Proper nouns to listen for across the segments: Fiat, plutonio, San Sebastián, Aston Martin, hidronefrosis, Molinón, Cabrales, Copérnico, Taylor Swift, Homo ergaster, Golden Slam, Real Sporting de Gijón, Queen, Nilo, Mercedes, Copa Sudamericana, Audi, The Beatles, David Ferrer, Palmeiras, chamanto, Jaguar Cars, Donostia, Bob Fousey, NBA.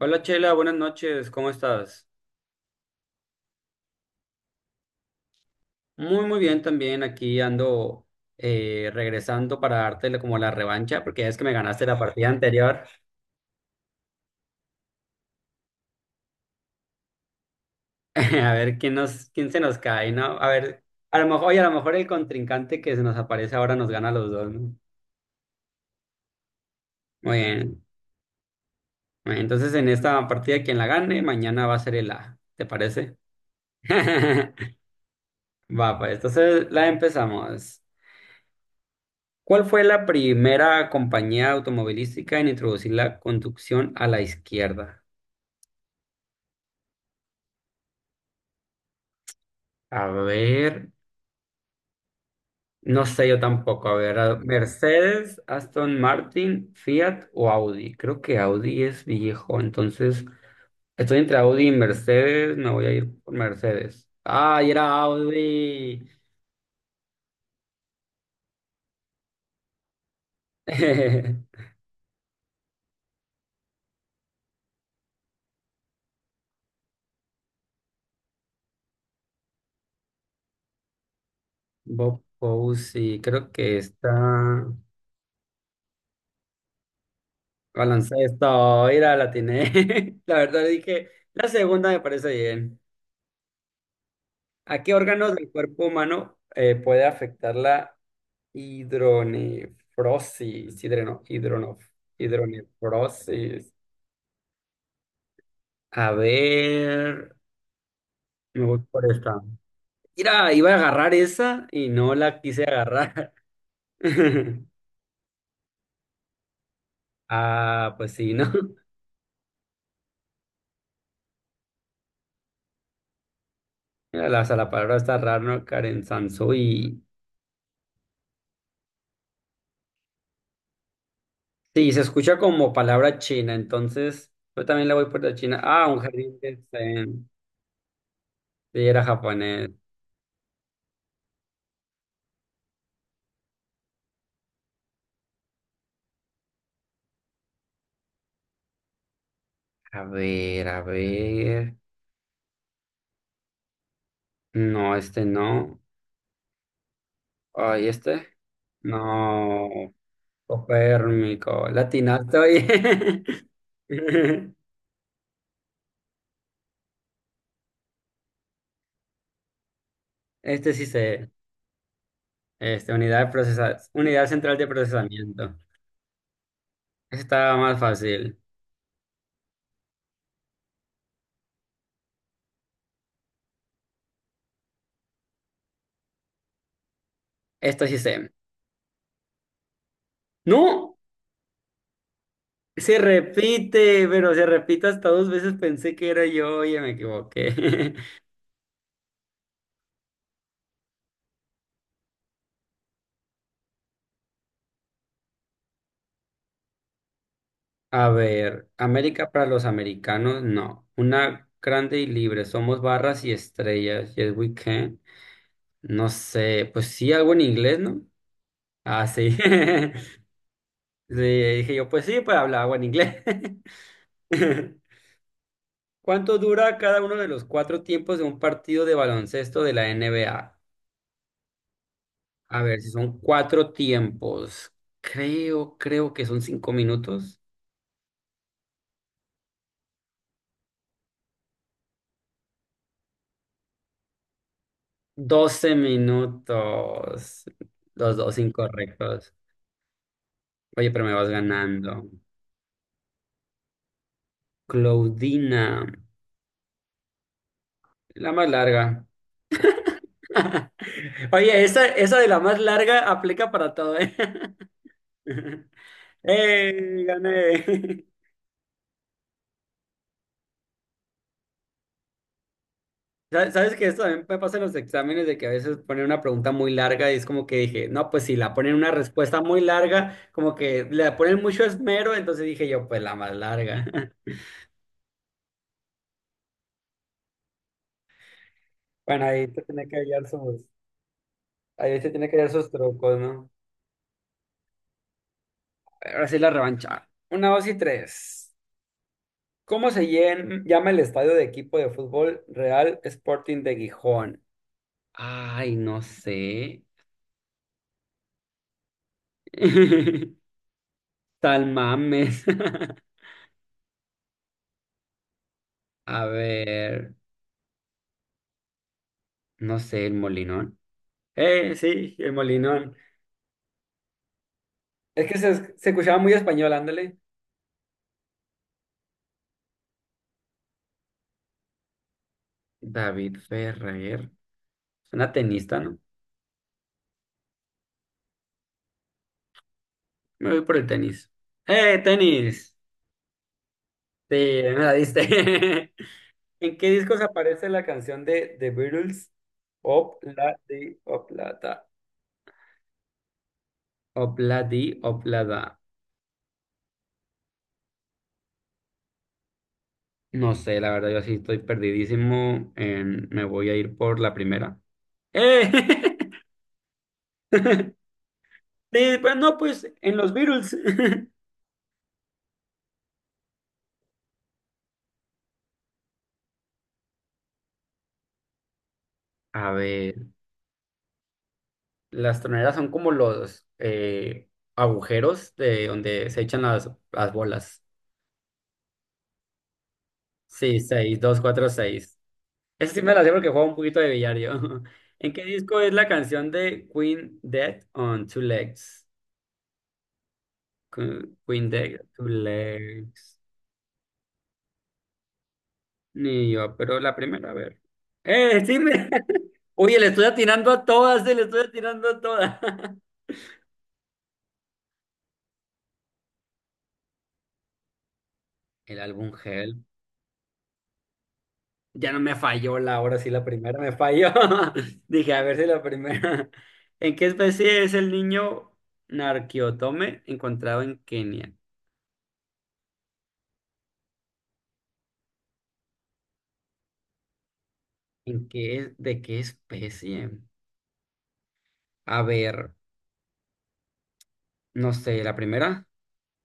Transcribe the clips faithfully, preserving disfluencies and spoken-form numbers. Hola Chela, buenas noches, ¿cómo estás? Muy, muy bien también, aquí ando eh, regresando para darte la- como la revancha, porque ya es que me ganaste la partida anterior. A ver quién nos, quién se nos cae, ¿no? A ver, a lo mejor, oye, a lo mejor el contrincante que se nos aparece ahora nos gana a los dos, ¿no? Muy bien. Bueno, entonces en esta partida quien la gane, mañana va a ser el A, ¿te parece? Va, pues entonces la empezamos. ¿Cuál fue la primera compañía automovilística en introducir la conducción a la izquierda? A ver, no sé yo tampoco. A ver, a- Mercedes, Aston Martin, Fiat o Audi. Creo que Audi es viejo, entonces estoy entre Audi y Mercedes. Me voy a ir por Mercedes. ¡Ay, era Audi! Bob Fousey, creo que está baloncesto. Mira, la tiene. La verdad dije, la segunda me parece bien. ¿A qué órganos del cuerpo humano eh, puede afectar la hidronefrosis? Hidreno, hidrono- Hidronefrosis. A ver, me voy por esta. Mira, iba a agarrar esa y no la quise agarrar. Ah, pues sí, ¿no? Mira, la, o sea, la palabra está rara, ¿no? Karen Sansu y sí, se escucha como palabra china, entonces yo también la voy por la china. Ah, un jardín de Zen. Sí, era japonés. A ver, a ver. No, este no. Ay, este. No. Copérnico. Latinato. Oye. Este sí sé. Este, unidad de procesa- unidad central de procesamiento. Este estaba más fácil. Esto sí sé. ¡No! Se repite, pero se repite hasta dos veces. Pensé que era yo. Oye, me equivoqué. A ver, América para los americanos, no. Una grande y libre, somos barras y estrellas, yes we can. No sé, pues sí, algo en inglés, ¿no? Ah, sí. Le dije yo, pues sí, pues hablaba en inglés. ¿Cuánto dura cada uno de los cuatro tiempos de un partido de baloncesto de la N B A? A A ver, si son cuatro tiempos, creo, creo que son cinco minutos. Doce minutos. Los dos incorrectos. Oye, pero me vas ganando. Claudina, la más larga. Oye, esa, esa de la más larga aplica para todo, ¿eh? ¡Eh! Gané. Sa- ¿Sabes que esto también me pasa en los exámenes de que a veces ponen una pregunta muy larga y es como que dije, no, pues si la ponen una respuesta muy larga, como que le ponen mucho esmero, entonces dije yo, pues la más larga? Bueno, ahí se tiene que hallar sus, ahí se tiene que hallar sus trucos, ¿no? Ahora sí la revancha. Una, dos y tres. ¿Cómo se llen- llama el estadio de equipo de fútbol Real Sporting de Gijón? Ay, no sé. Tal mames. A ver, no sé, el Molinón. Eh, sí, el Molinón. Es que se, se escuchaba muy español, ándale. David Ferrer, una tenista, ¿no? Me voy por el tenis. ¡Eh, tenis! Sí, me la diste. ¿En qué discos aparece la canción de The Beatles? Obladi, oblada, obladi, oblada. No sé, la verdad, yo sí estoy perdidísimo. En- me voy a ir por la primera. ¡Eh! Sí, pues no, pues en los Beatles. A ver, las troneras son como los eh, agujeros de donde se echan las, las bolas. Sí, seis, dos, cuatro, seis. Esa sí me la sé porque juego un poquito de billar yo. ¿En qué disco es la canción de Queen Dead on Two Legs? Que- Queen Dead, Two Legs. Ni yo, pero la primera, a ver. ¡Eh, sí! me- Oye, le estoy atinando a todas, eh, le estoy atinando a todas. El álbum Help. Ya no me falló la ahora sí, la primera me falló. Dije, a ver si la primera. ¿En qué especie es el niño Narquiotome encontrado en Kenia? ¿En qué, de qué especie? A ver, no sé, la primera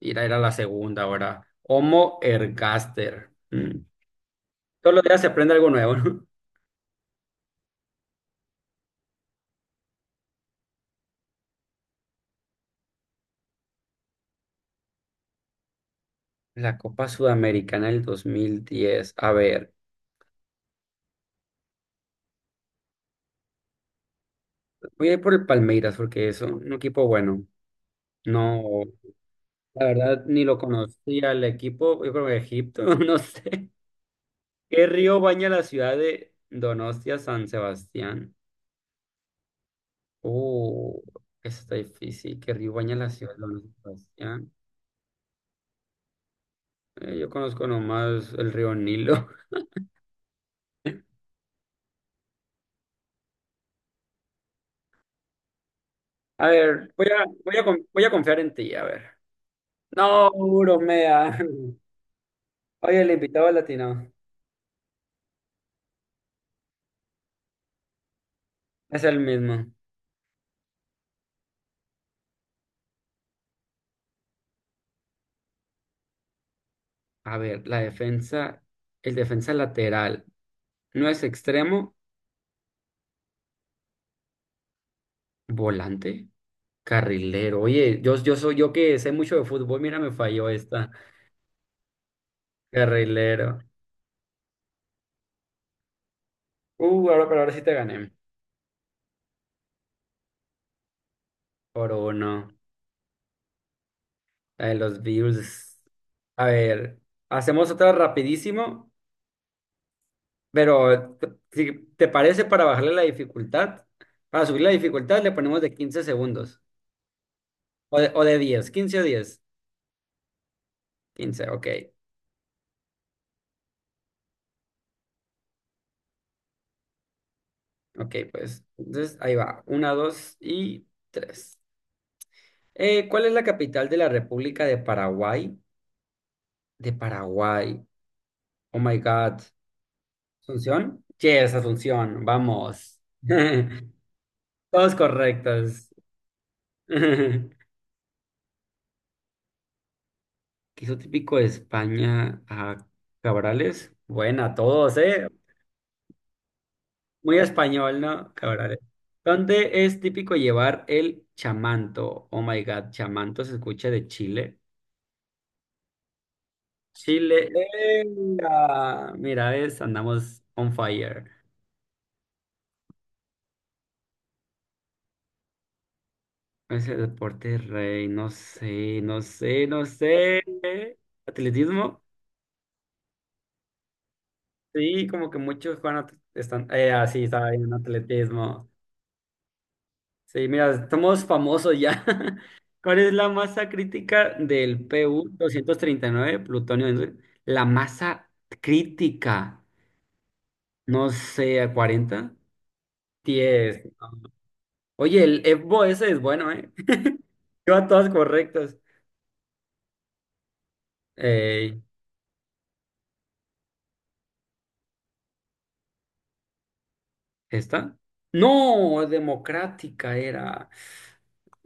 era, era la segunda ahora. Homo ergaster. Mm. Todos los días se aprende algo nuevo, ¿no? La Copa Sudamericana del dos mil diez. A ver, voy a ir por el Palmeiras porque es un equipo bueno. No, la verdad ni lo conocía el equipo. Yo creo que Egipto, no sé. ¿Qué río baña la ciudad de Donostia, San Sebastián? Uh, eso está difícil. ¿Qué río baña la ciudad de Donostia, San Sebastián? Eh, yo conozco nomás el río Nilo. A ver, voy a, voy a, con- voy a confiar en ti, a ver. No, bromea. Oye, el invitado latino es el mismo. A ver, la defensa, el defensa lateral, no es extremo, volante, carrilero. Oye, yo, yo soy yo que sé mucho de fútbol, mira, me falló esta. Carrilero. Uh, ahora, pero ahora sí te gané. Por uno. La de los Bills. A ver, hacemos otra rapidísimo. Pero t- si te parece, para bajarle la dificultad, para subir la dificultad le ponemos de quince segundos o de, o de diez quince o diez quince ok, ok, pues entonces ahí va, uno dos y tres. Eh, ¿cuál es la capital de la República de Paraguay? De Paraguay, oh my God, ¿Asunción? Yes, Asunción, vamos. Todos correctos. ¿Qué es lo típico de España? A Cabrales, buena, todos, ¿eh? Muy español, ¿no? Cabrón. ¿Dónde es típico llevar el chamanto? Oh my God, chamanto se escucha de Chile. Chile. ¡Venga! Mira, ves, andamos on fire. Ese deporte rey, no sé, no sé, no sé. ¿Atletismo? Sí, como que muchos juegan at- están. Eh, ah, sí, estaba bien, atletismo. Sí, mira, estamos famosos ya. ¿Cuál es la masa crítica del pu nueve plutonio? en- La masa crítica, no sé, cuarenta diez. Oye, el EBO ese es bueno, ¿eh? Lleva todas correctas. ¿Esta? No, democrática era.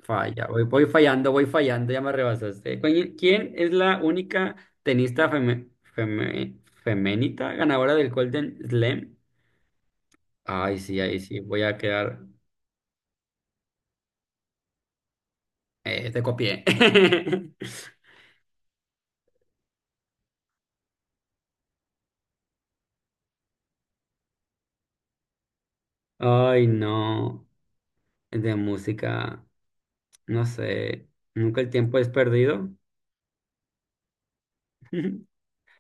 Falla, voy, voy fallando, voy fallando, ya me rebasaste. ¿Quién quién es la única tenista feme- feme- femenita ganadora del Golden Slam? Ay, sí, ahí sí, voy a quedar. Eh, te copié. Ay, no, de música, no sé, nunca el tiempo es perdido.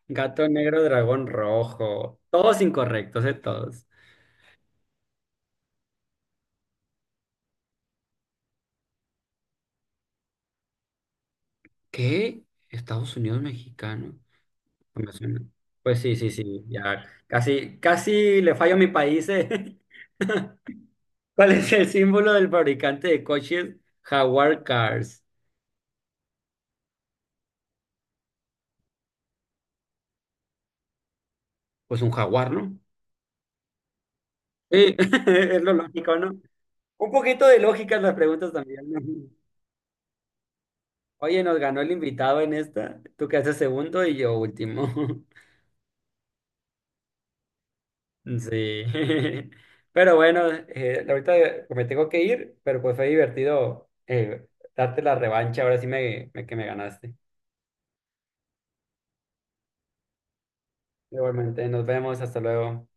Gato negro, dragón rojo, todos incorrectos, eh, todos. ¿Qué? Estados Unidos mexicano. Me suena. Pues sí, sí, sí. Ya casi, casi le fallo a mi país, eh. ¿Cuál es el símbolo del fabricante de coches Jaguar Cars? Pues un jaguar, ¿no? Sí, es lo lógico, ¿no? Un poquito de lógica en las preguntas también, ¿no? Oye, nos ganó el invitado en esta. Tú quedaste segundo y yo último. Sí. Pero bueno, eh, ahorita me tengo que ir, pero pues fue divertido eh, darte la revancha. Ahora sí me, me- que me ganaste. Igualmente, nos vemos, hasta luego.